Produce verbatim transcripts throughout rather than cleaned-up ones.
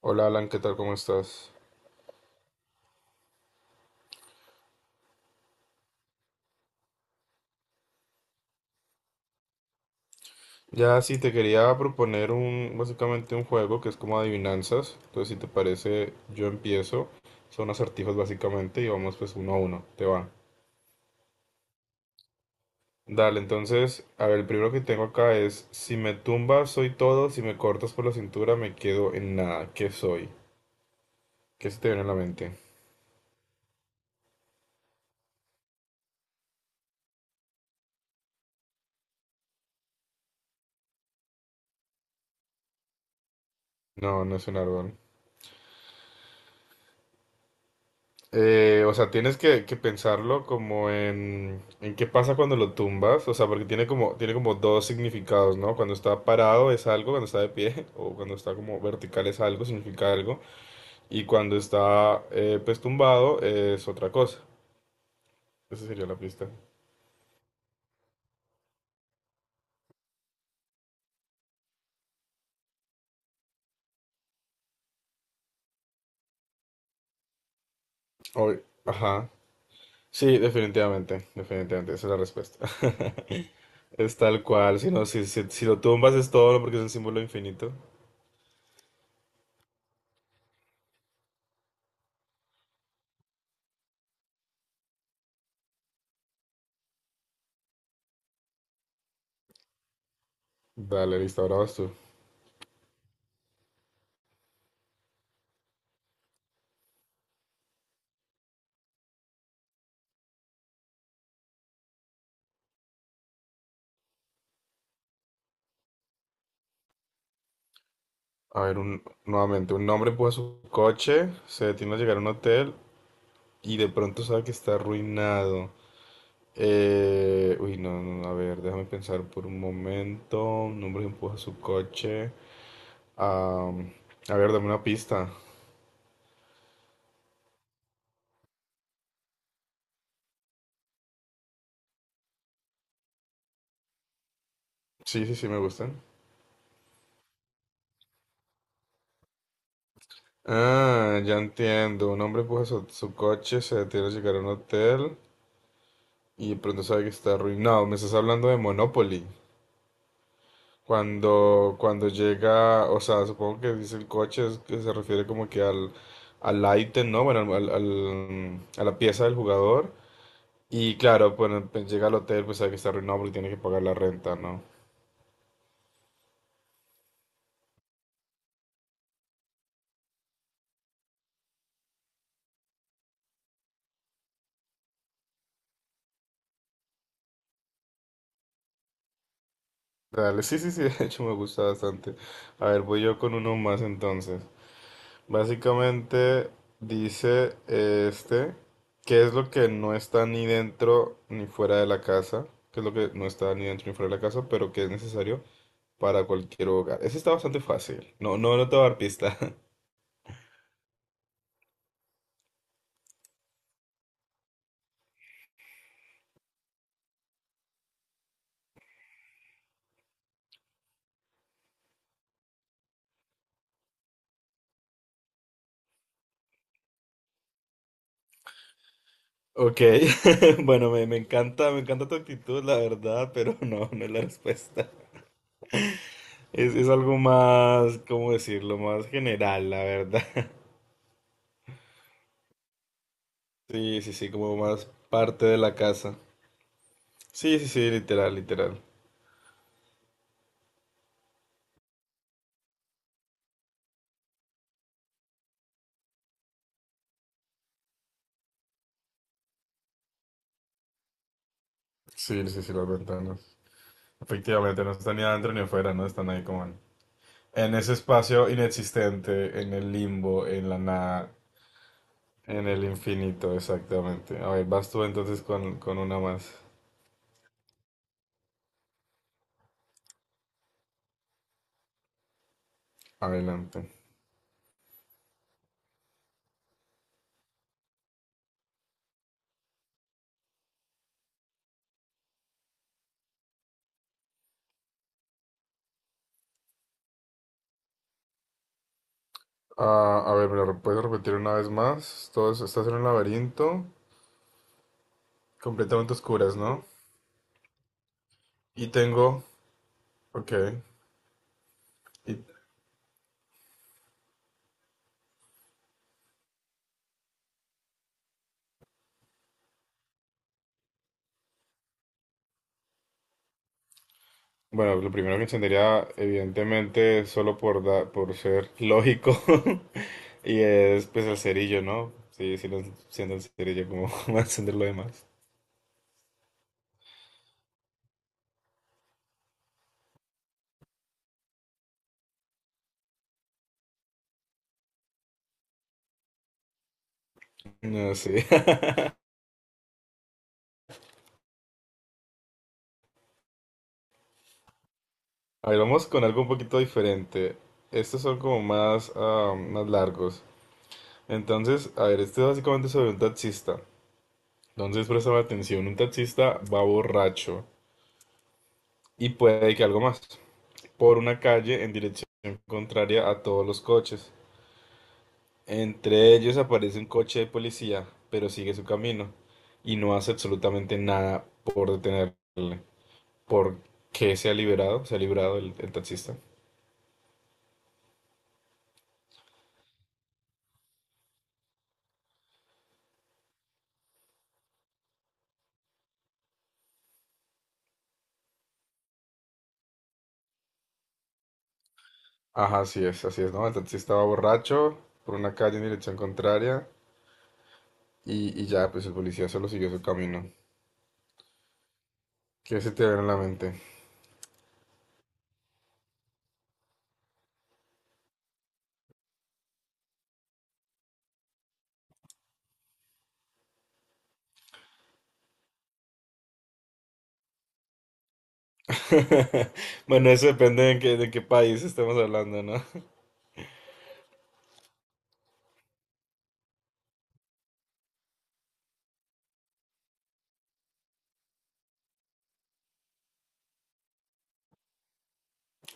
Hola Alan, ¿qué tal? ¿Cómo estás? Ya sí te quería proponer un, básicamente un juego que es como adivinanzas. Entonces, si te parece, yo empiezo. Son acertijos básicamente y vamos pues uno a uno. Te va. Dale, entonces, a ver, el primero que tengo acá es, si me tumbas soy todo, si me cortas por la cintura me quedo en nada. ¿Qué soy? ¿Qué se te viene a la mente? No, no es un árbol. Eh, o sea, tienes que, que pensarlo como en, en qué pasa cuando lo tumbas, o sea, porque tiene como, tiene como dos significados, ¿no? Cuando está parado es algo, cuando está de pie, o cuando está como vertical es algo, significa algo, y cuando está eh, pues tumbado es otra cosa. Esa sería la pista. Oy, ajá. Sí, definitivamente, definitivamente, esa es la respuesta. Es tal cual, si no, si, si, si lo tumbas es todo, porque es el símbolo infinito. Dale, listo, ahora vas tú. A ver, un, nuevamente, un hombre empuja su coche, se detiene a llegar a un hotel y de pronto sabe que está arruinado. Eh, uy, no, no, a ver, déjame pensar por un momento. Un hombre empuja su coche. Am, a ver, dame una pista. Sí, sí, sí, me gustan. Ah, ya entiendo. Un hombre empuja su, su coche, se detiene a llegar a un hotel y de pronto sabe que está arruinado. Me estás hablando de Monopoly. Cuando, cuando llega, o sea, supongo que dice el coche, es que se refiere como que al, al ítem, ¿no? Bueno, al, al- a la pieza del jugador. Y claro, bueno, pues llega al hotel, pues sabe que está arruinado porque tiene que pagar la renta, ¿no? Dale, sí, sí, sí, de hecho me gusta bastante. A ver, voy yo con uno más entonces. Básicamente dice eh, este, qué es lo que no está ni dentro ni fuera de la casa, qué es lo que no está ni dentro ni fuera de la casa, pero que es necesario para cualquier hogar. Ese está bastante fácil. No, no, no te voy a dar pista. Ok, bueno, me, me encanta, me encanta tu actitud, la verdad, pero no, no es la respuesta. Es, es algo más, ¿cómo decirlo? Más general, la verdad. Sí, sí, sí, como más parte de la casa. Sí, sí, sí, literal, literal. Sí, sí, sí, las ventanas. Efectivamente, no están ni adentro ni afuera, ¿no? Están ahí como en, en ese espacio inexistente, en el limbo, en la nada, en el infinito, exactamente. A ver, vas tú entonces con, con una más. Adelante. Ah, a ver, ¿me lo puedes repetir una vez más? Todo eso- ¿estás en un laberinto completamente oscuras, ¿no? Y tengo, ok, y bueno, lo primero que encendería, evidentemente, solo por, da- por ser lógico, y es pues el cerillo, ¿no? Sí, sí, no enciendo el cerillo, como ¿va a encender lo demás? No sé. A ver, vamos con algo un poquito diferente. Estos son como más, ah, más largos. Entonces, a ver, este es básicamente sobre un taxista. Entonces, presta atención, un taxista va borracho y puede que algo más por una calle en dirección contraria a todos los coches. Entre ellos aparece un coche de policía, pero sigue su camino y no hace absolutamente nada por detenerle. ¿Por qué se ha liberado? Se ha librado el, el taxista. Ajá, así es, así es, ¿no? El taxista va borracho por una calle en dirección contraria y, y ya, pues el policía solo siguió su camino. ¿Qué se te viene a la mente? Bueno, eso depende de en qué, de qué país estemos hablando, ¿no?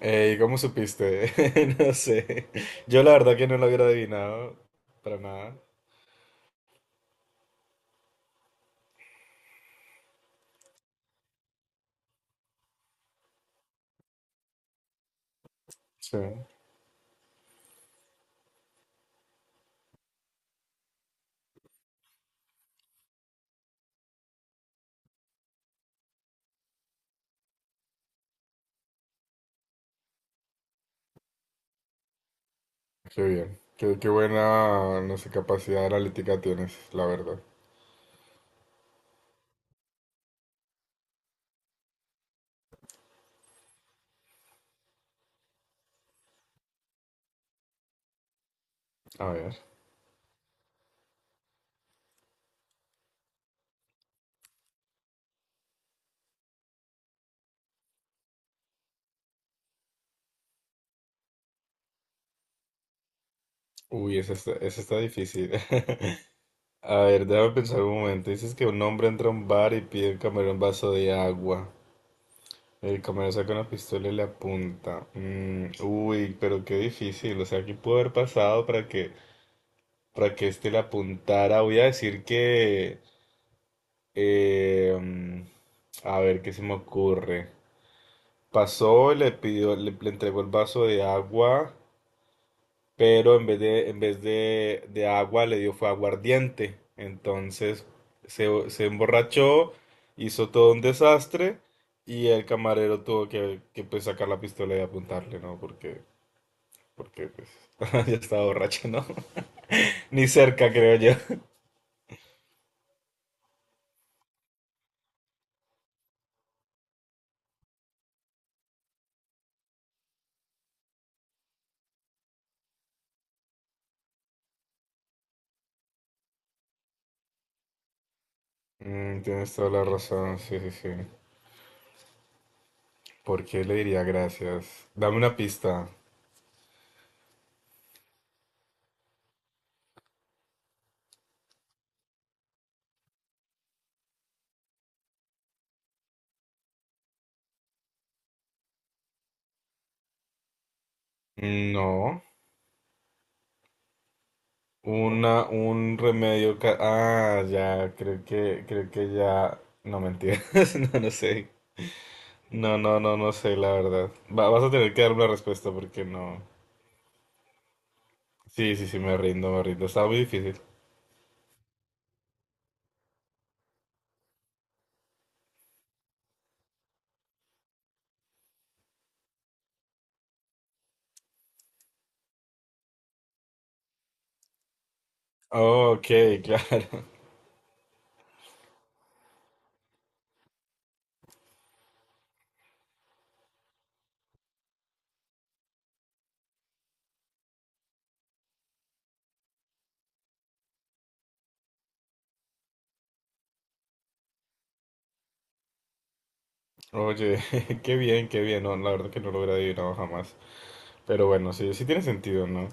Eh, ¿cómo supiste? No sé. Yo la verdad que no lo hubiera adivinado para nada. Sí. Qué bien. Qué, qué buena, no sé, capacidad analítica tienes, la verdad. A ver. Uy, esa está, esa está difícil. A ver, déjame pensar un momento. Dices que un hombre entra a un bar y pide al camarero un vaso de agua. El camarero saca una pistola y le apunta. Mm, uy, pero qué difícil. O sea, ¿qué pudo haber pasado para que, para que este le apuntara? Voy a decir que... eh, mm, a ver, ¿qué se me ocurre? Pasó, y le pidió, le, le entregó el vaso de agua pero en vez de, en vez de, de agua le dio fue aguardiente. Entonces se, se emborrachó, hizo todo un desastre y el camarero tuvo que, que, pues, sacar la pistola y apuntarle, ¿no? Porque, porque pues, ya estaba borracho, ¿no? Ni cerca, creo yo. Mm, tienes toda la razón, sí, sí, sí. ¿Por qué le diría gracias? Dame una pista. Mm, no. Una, un remedio ca- ah, ya, creo que, creo que ya. No, mentiras. No, no sé. No, no, no, no sé, la verdad. Va- vas a tener que dar una respuesta porque no. Sí, sí, sí, me rindo, me rindo. Estaba muy difícil. Ok, claro. Oye, qué bien, qué bien. No, la verdad que no lo hubiera adivinado jamás. Pero bueno, sí, sí tiene sentido, ¿no?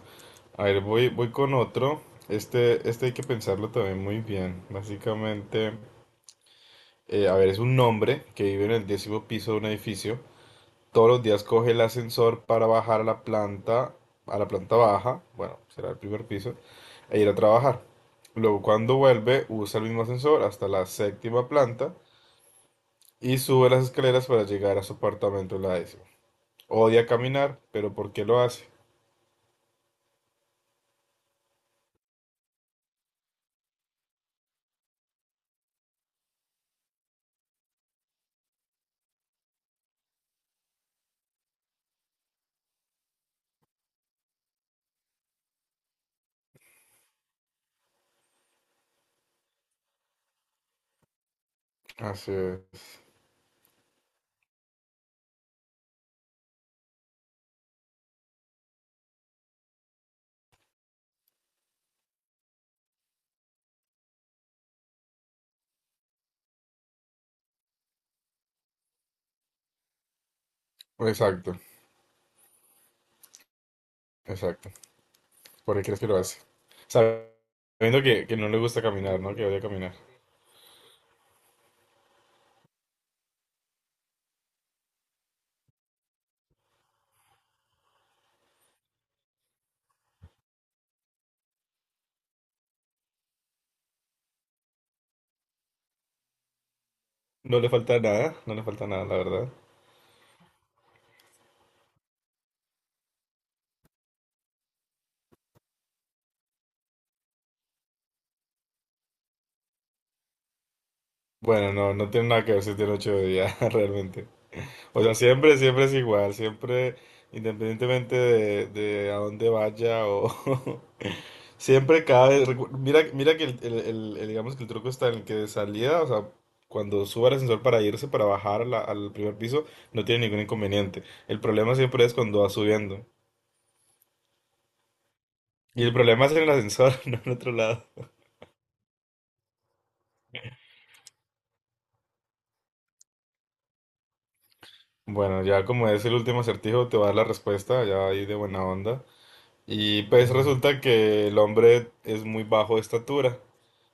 A ver, voy, voy con otro. Este, este hay que pensarlo también muy bien. Básicamente. Eh, a ver, es un hombre que vive en el décimo piso de un edificio. Todos los días coge el ascensor para bajar a la planta, a la planta baja, bueno, será el primer piso, e ir a trabajar. Luego, cuando vuelve, usa el mismo ascensor hasta la séptima planta y sube las escaleras para llegar a su apartamento en la décima. Odia caminar, pero ¿por qué lo hace? Así es. Exacto, exacto. ¿Por qué crees que lo hace? Sabiendo que, que no le gusta caminar, ¿no? Que odia caminar. No le falta nada, no le falta nada, la verdad. Bueno, no, no tiene nada que ver si tiene ocho días realmente. O sea, siempre, siempre es igual, siempre, independientemente de, de a dónde vaya o... siempre cada vez... recu- mira, mira que el, el- el- el- digamos que el truco está en el que de salida, o sea, cuando suba el ascensor para irse, para bajar a la- al primer piso, no tiene ningún inconveniente. El problema siempre es cuando va subiendo. Y el problema es en el ascensor, no en otro lado. Bueno, ya como es el último acertijo, te voy a dar la respuesta, ya ahí de buena onda. Y pues resulta que el hombre es muy bajo de estatura.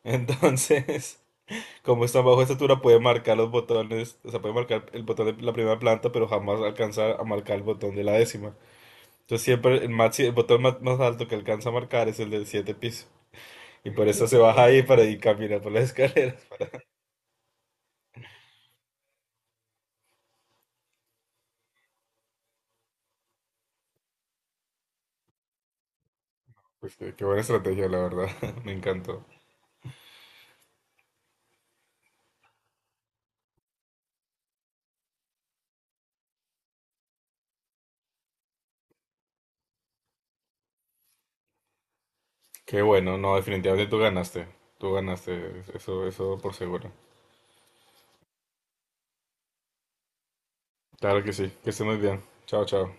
Entonces, como es tan bajo de estatura, puede marcar los botones, o sea, puede marcar el botón de la primera planta, pero jamás alcanza a marcar el botón de la décima. Entonces siempre el, maxi- el botón más, más alto que alcanza a marcar es el del siete piso. Y por eso se baja ahí para ir caminar por las escaleras. Pues qué, qué buena estrategia, la verdad. Me encantó. Qué bueno, no, definitivamente tú ganaste. Tú ganaste, eso, eso por seguro. Claro que sí, que estés muy bien. Chao, chao.